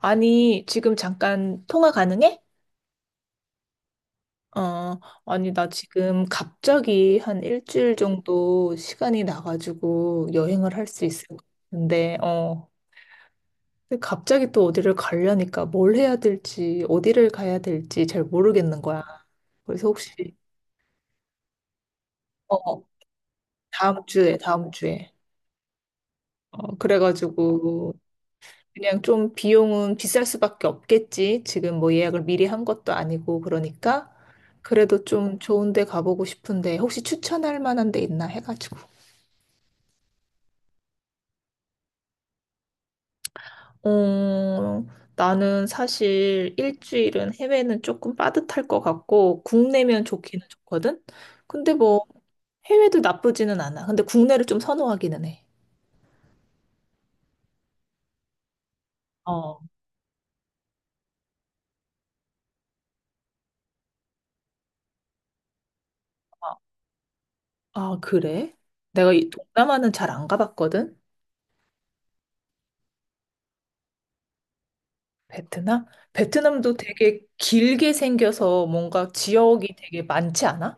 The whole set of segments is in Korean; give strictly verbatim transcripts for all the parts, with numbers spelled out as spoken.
아니, 지금 잠깐 통화 가능해? 어, 아니, 나 지금 갑자기 한 일주일 정도 시간이 나가지고 여행을 할 수 있을 것 같은데, 어, 근데 갑자기 또 어디를 가려니까 뭘 해야 될지, 어디를 가야 될지 잘 모르겠는 거야. 그래서 혹시, 어, 다음 주에, 다음 주에. 어, 그래가지고 그냥 좀 비용은 비쌀 수밖에 없겠지. 지금 뭐 예약을 미리 한 것도 아니고 그러니까 그래도 좀 좋은 데 가보고 싶은데 혹시 추천할 만한 데 있나 해가지고. 어, 나는 사실 일주일은 해외는 조금 빠듯할 것 같고 국내면 좋기는 좋거든. 근데 뭐 해외도 나쁘지는 않아. 근데 국내를 좀 선호하기는 해. 어. 아, 그래? 내가 이 동남아는 잘 안 가봤거든. 베트남? 베트남도 되게 길게 생겨서 뭔가 지역이 되게 많지 않아?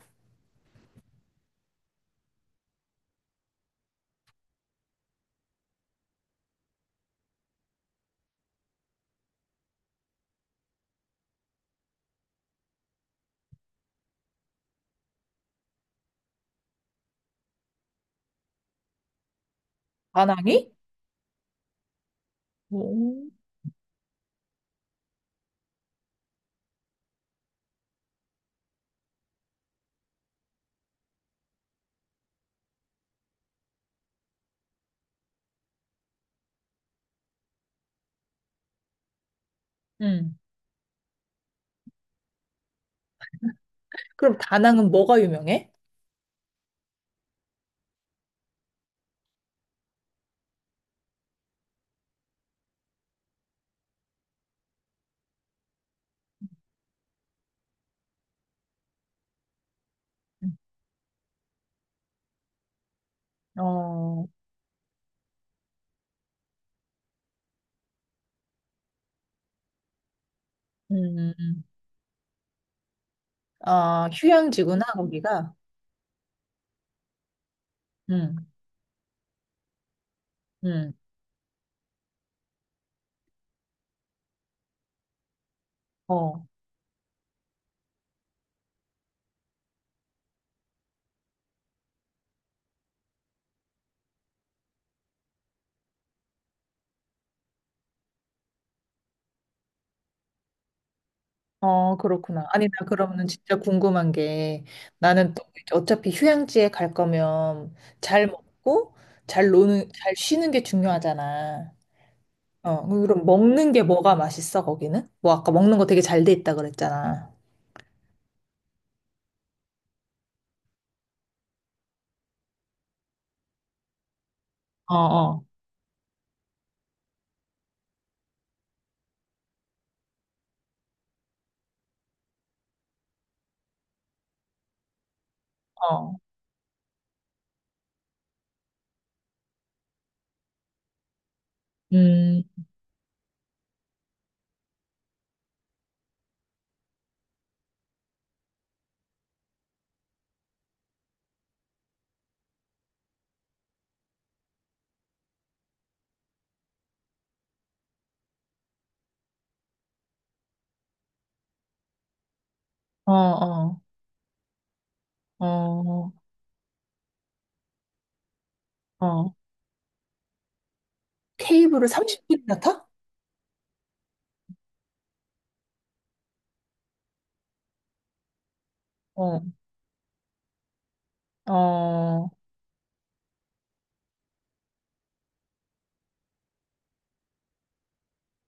다낭이? 오. 음. 그럼 다낭은 뭐가 유명해? 음. 어, 음, 음. 아, 휴양지구나, 거기가. 음, 음, 어, 어, 그렇구나. 아니, 나 그러면은 진짜 궁금한 게 나는 또 이제 어차피 휴양지에 갈 거면 잘 먹고 잘 노는, 잘 쉬는 게 중요하잖아. 어, 그럼 먹는 게 뭐가 맛있어, 거기는? 뭐 아까 먹는 거 되게 잘 돼 있다 그랬잖아. 어, 어, 어. 음, 어, 어, 어, 어. 케이블을 삼십 분이나 타? 어, 어,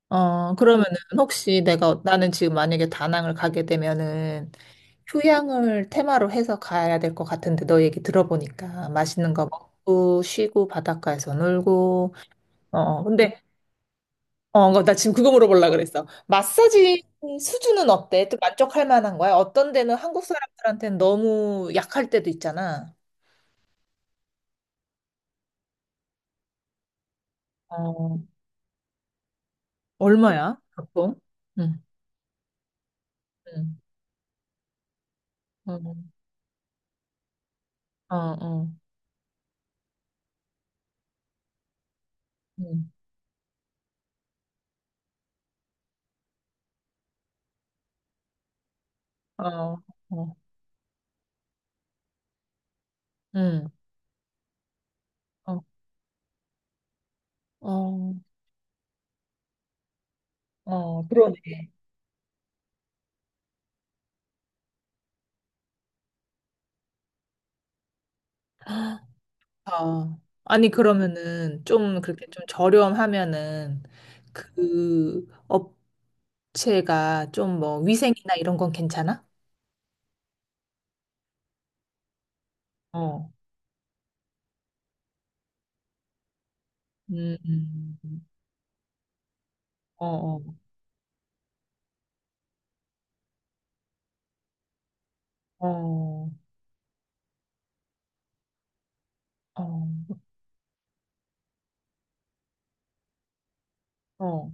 어, 그러면은 혹시 내가, 나는 지금 만약에 다낭을 가게 되면은 휴양을 테마로 해서 가야 될 것 같은데 너 얘기 들어보니까 맛있는 거 먹고 쉬고 바닷가에서 놀고, 어, 어. 근데 어, 나 지금 그거 물어보려고 그랬어. 마사지 수준은 어때? 또 만족할 만한 거야? 어떤 데는 한국 사람들한테는 너무 약할 때도 있잖아. 어, 얼마야? 보통? 응, 응, 응, 어, 어, 응, 어, 어, 응, 어, 어, 어, 그러네. 아, 아니, 그러면은 좀 그렇게 좀 저렴하면은 그 업체가 좀 뭐 위생이나 이런 건 괜찮아? 어, 음, 음. 어, 어, 어, 어, 어.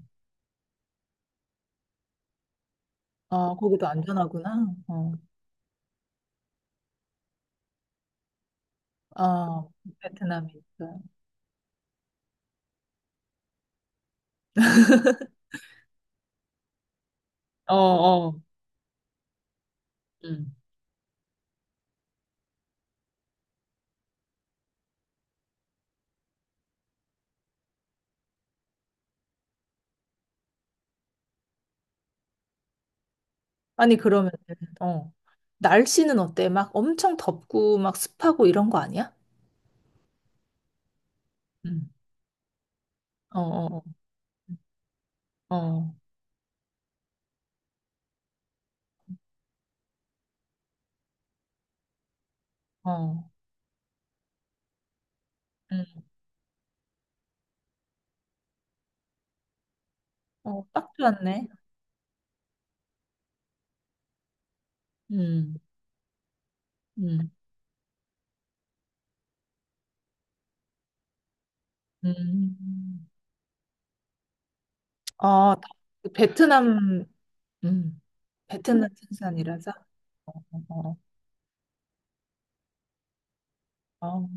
아, 거기도 안전하구나. 어, 아, 베트남이 있어요. 어, 어, 음. 아니, 그러면, 어, 날씨는 어때? 막 엄청 덥고 막 습하고 이런 거 아니야? 음. 어, 어, 어, 어, 어, 음. 어, 딱 좋았네. 음, 음, 음. 아, 베트남, 음, 베트남 생산이라서? 어, 어, 아, 어,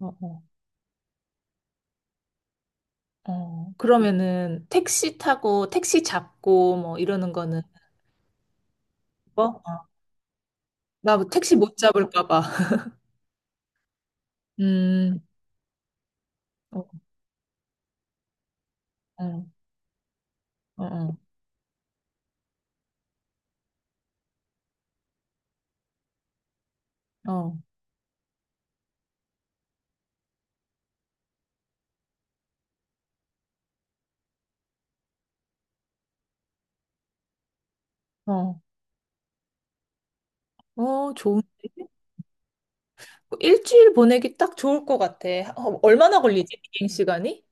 어. 어, 그러면은 택시 타고 택시 잡고 뭐 이러는 거는 뭐? 나 뭐 택시 못 잡을까 봐. 음, 어, 어, 어, 어, 어, 어, 어, 좋은데? 뭐 일주일 보내기 딱 좋을 것 같아. 어, 얼마나 걸리지? 비행 시간이?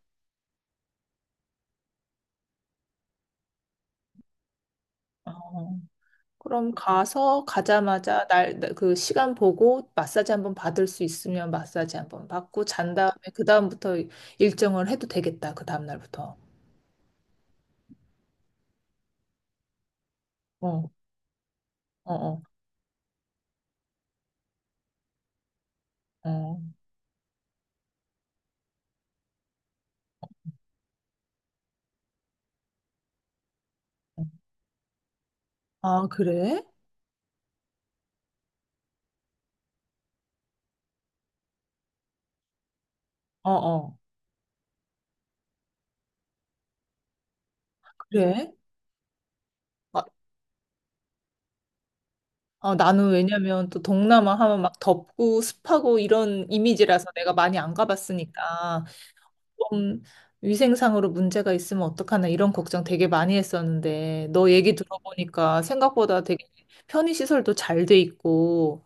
어, 그럼 가서 가자마자 날 그 시간 보고 마사지 한번 받을 수 있으면 마사지 한번 받고 잔 다음에 그 다음부터 일정을 해도 되겠다. 그 다음 날부터. 어, 어, 어, 어. 아, 그래? 어어, 그래? 아, 어, 나는 왜냐면 또 동남아 하면 막 덥고 습하고 이런 이미지라서 내가 많이 안 가봤으니까 좀 위생상으로 문제가 있으면 어떡하나 이런 걱정 되게 많이 했었는데 너 얘기 들어보니까 생각보다 되게 편의시설도 잘 돼 있고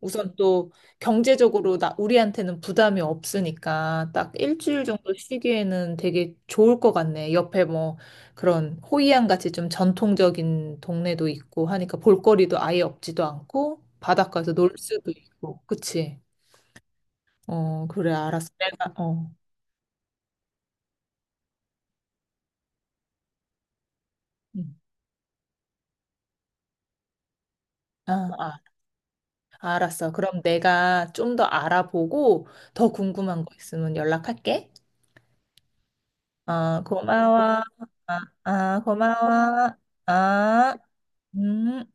우선 또 경제적으로 나, 우리한테는 부담이 없으니까 딱 일주일 정도 쉬기에는 되게 좋을 것 같네. 옆에 뭐 그런 호이안 같이 좀 전통적인 동네도 있고 하니까 볼거리도 아예 없지도 않고 바닷가에서 놀 수도 있고. 그치? 어, 그래, 알았어. 내가, 어. 응. 아, 아, 알았어. 그럼 내가 좀 더 알아보고 더 궁금한 거 있으면 연락할게. 아, 고마워. 아, 아, 고마워. 아. 음,